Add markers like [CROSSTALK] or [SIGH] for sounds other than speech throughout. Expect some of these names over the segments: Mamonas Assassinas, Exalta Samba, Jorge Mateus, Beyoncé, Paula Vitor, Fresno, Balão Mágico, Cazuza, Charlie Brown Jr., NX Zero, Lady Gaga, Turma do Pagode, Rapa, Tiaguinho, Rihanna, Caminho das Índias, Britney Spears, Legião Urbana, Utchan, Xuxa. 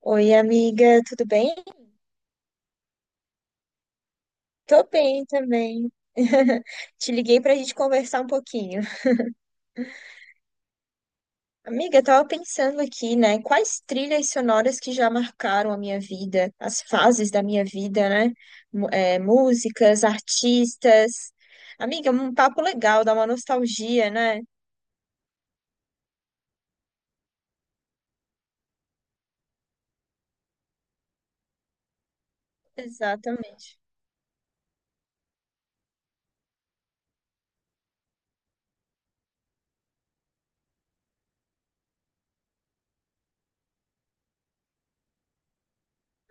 Oi, amiga, tudo bem? Tô bem também. [LAUGHS] Te liguei pra gente conversar um pouquinho. Amiga, eu tava pensando aqui, né? Quais trilhas sonoras que já marcaram a minha vida, as fases da minha vida, né? Músicas, artistas. Amiga, um papo legal, dá uma nostalgia, né? Exatamente.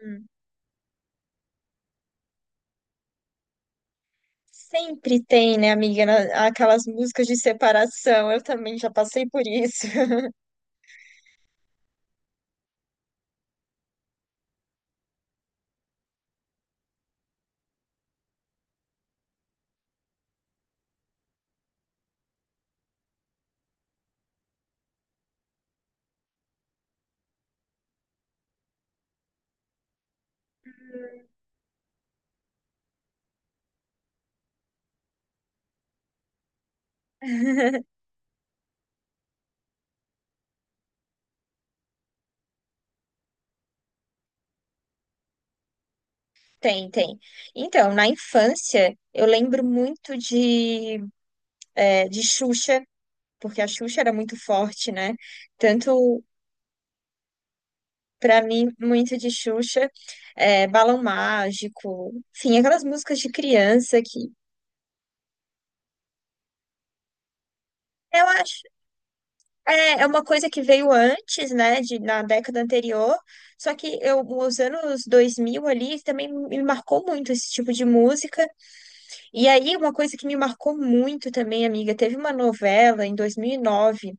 Hum. Sempre tem, né, amiga, aquelas músicas de separação. Eu também já passei por isso. [LAUGHS] Tem, tem. Então, na infância, eu lembro muito de Xuxa, porque a Xuxa era muito forte, né? Tanto pra mim, muito de Xuxa, Balão Mágico, enfim, aquelas músicas de criança que eu acho é uma coisa que veio antes, né, na década anterior, só que os anos 2000 ali também me marcou muito esse tipo de música. E aí, uma coisa que me marcou muito também, amiga, teve uma novela em 2009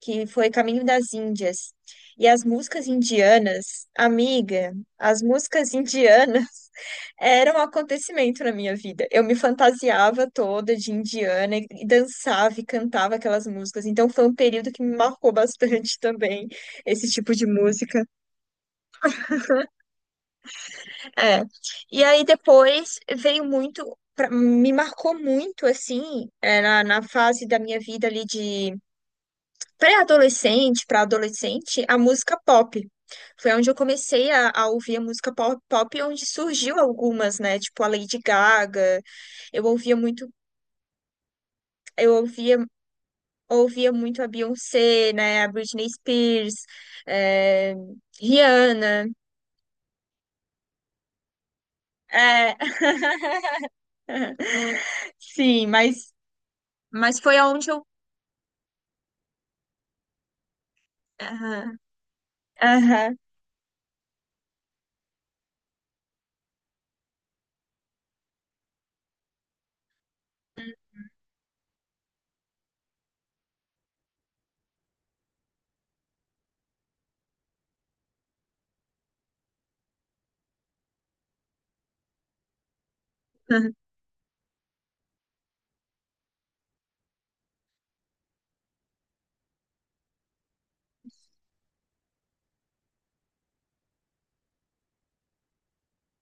que foi Caminho das Índias. E as músicas indianas, amiga, as músicas indianas [LAUGHS] eram um acontecimento na minha vida. Eu me fantasiava toda de indiana e dançava e cantava aquelas músicas. Então foi um período que me marcou bastante [LAUGHS] também, esse tipo de música. É. E aí depois veio muito, me marcou muito assim, na fase da minha vida ali de pré-adolescente para adolescente, a música pop. Foi onde eu comecei a ouvir a música pop, pop, onde surgiu algumas, né? Tipo a Lady Gaga. Eu ouvia muito, eu ouvia muito a Beyoncé, né? A Britney Spears, é, Rihanna. É, [LAUGHS] sim, mas foi aonde eu. Aham. Aham,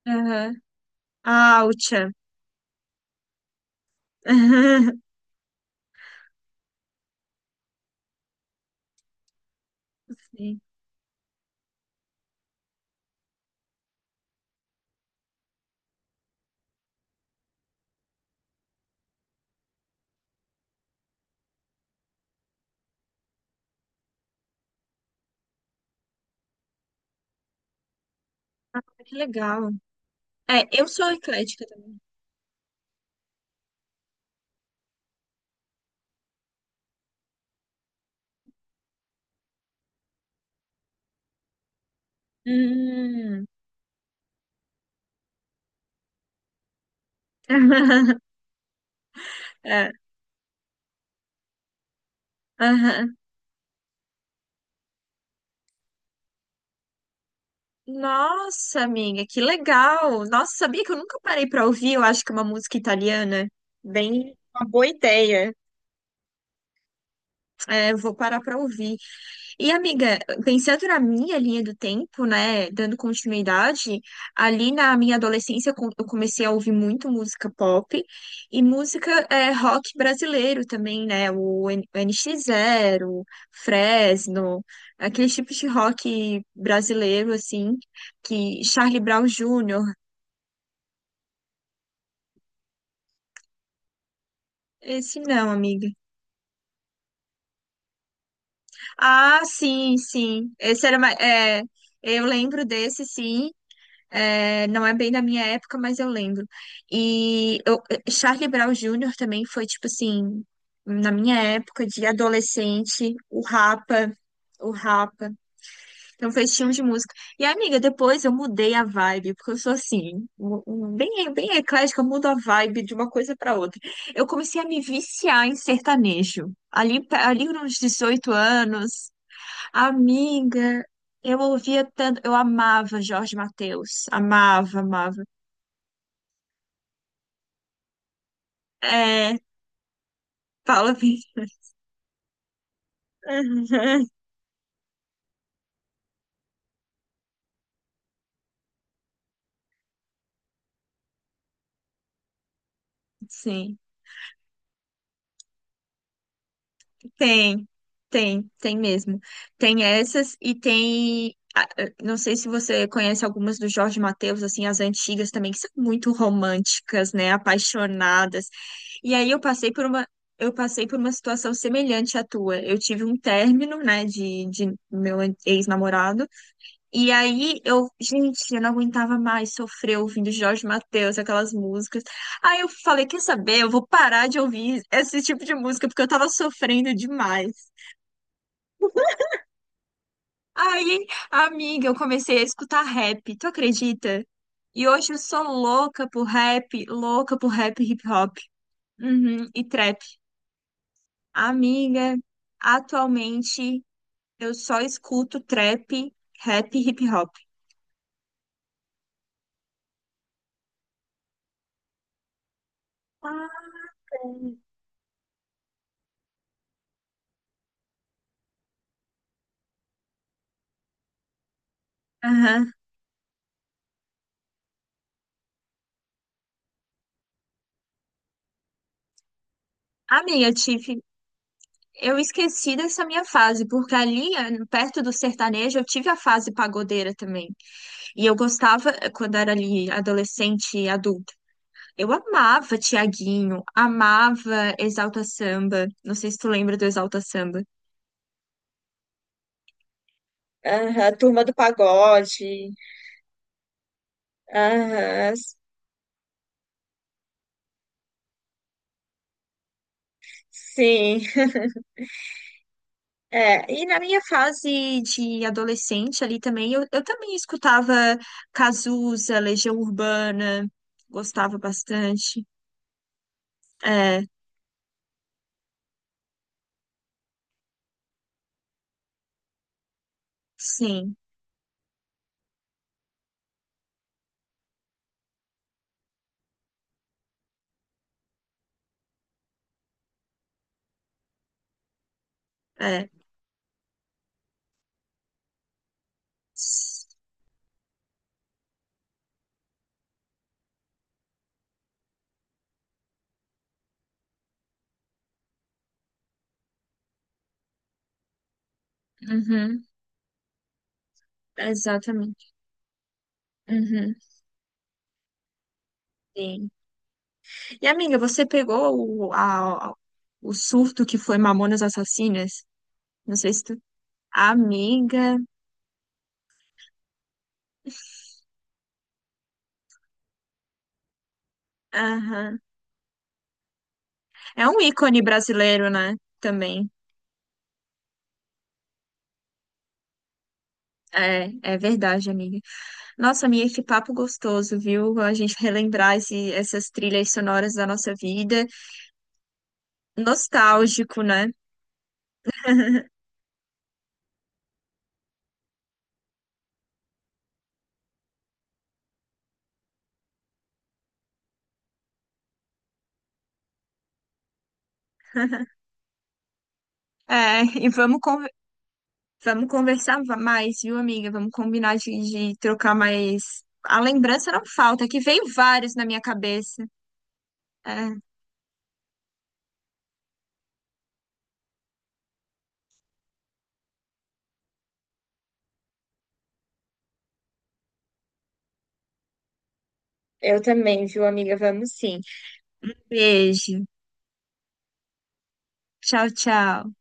aham. Ah, Utchan. [LAUGHS] Sim. Que legal. É, eu sou eclética também. Hum. [LAUGHS] É, aham. Nossa, amiga, que legal. Nossa, sabia que eu nunca parei pra ouvir, eu acho que é uma música italiana. Bem, uma boa ideia. É, vou parar pra ouvir. E, amiga, pensando na minha linha do tempo, né, dando continuidade, ali na minha adolescência eu comecei a ouvir muito música pop e música rock brasileiro também, né, o N X Zero, Fresno, aqueles tipos de rock brasileiro, assim, que Charlie Brown Jr., esse não, amiga. Ah, sim, sim, esse era, eu lembro desse, sim. É, não é bem da minha época, mas eu lembro. E eu, Charlie Brown Jr. também foi, tipo assim, na minha época de adolescente, o Rapa, o Rapa. Então foi esse estilo de música. E, amiga, depois eu mudei a vibe, porque eu sou assim, bem, bem eclética, eu mudo a vibe de uma coisa para outra. Eu comecei a me viciar em sertanejo. Ali nos 18 anos. Amiga, eu ouvia tanto, eu amava Jorge Mateus, amava, amava. É, Paula Vitor. Aham, [LAUGHS] sim, tem, tem, tem mesmo. Tem essas e tem, ah, não sei se você conhece algumas do Jorge Mateus, assim, as antigas também, que são muito românticas, né, apaixonadas. E aí eu passei por uma Eu passei por uma situação semelhante à tua. Eu tive um término, né, de meu ex-namorado. E aí eu, gente, eu não aguentava mais sofrer ouvindo Jorge Mateus, aquelas músicas. Aí eu falei, quer saber? Eu vou parar de ouvir esse tipo de música porque eu tava sofrendo demais. Aí, amiga, eu comecei a escutar rap, tu acredita? E hoje eu sou louca por rap e hip hop, uhum, e trap. Amiga, atualmente eu só escuto trap, rap e hip hop. Ah, é. Aham. Amiga, Tiff, eu esqueci dessa minha fase, porque ali, perto do sertanejo, eu tive a fase pagodeira também. E eu gostava, quando era ali adolescente e adulta, eu amava Tiaguinho, amava Exalta Samba. Não sei se tu lembra do Exalta Samba. Aham, Turma do Pagode. Aham, sim. É, e na minha fase de adolescente ali também, eu também escutava Cazuza, Legião Urbana, gostava bastante. Sim, é. Uhum, exatamente. Uhum, sim. E amiga, você pegou a- o surto que foi Mamonas Assassinas? Não sei se tu. Amiga, aham. É um ícone brasileiro, né? Também. É, é verdade, amiga. Nossa, amiga, que papo gostoso, viu? A gente relembrar essas trilhas sonoras da nossa vida. Nostálgico, né? [LAUGHS] É, e vamos conversar. Vamos conversar mais, viu, amiga? Vamos combinar de trocar mais. A lembrança não falta, que veio vários na minha cabeça. É. Eu também, viu, amiga? Vamos sim. Beijo. Tchau, tchau.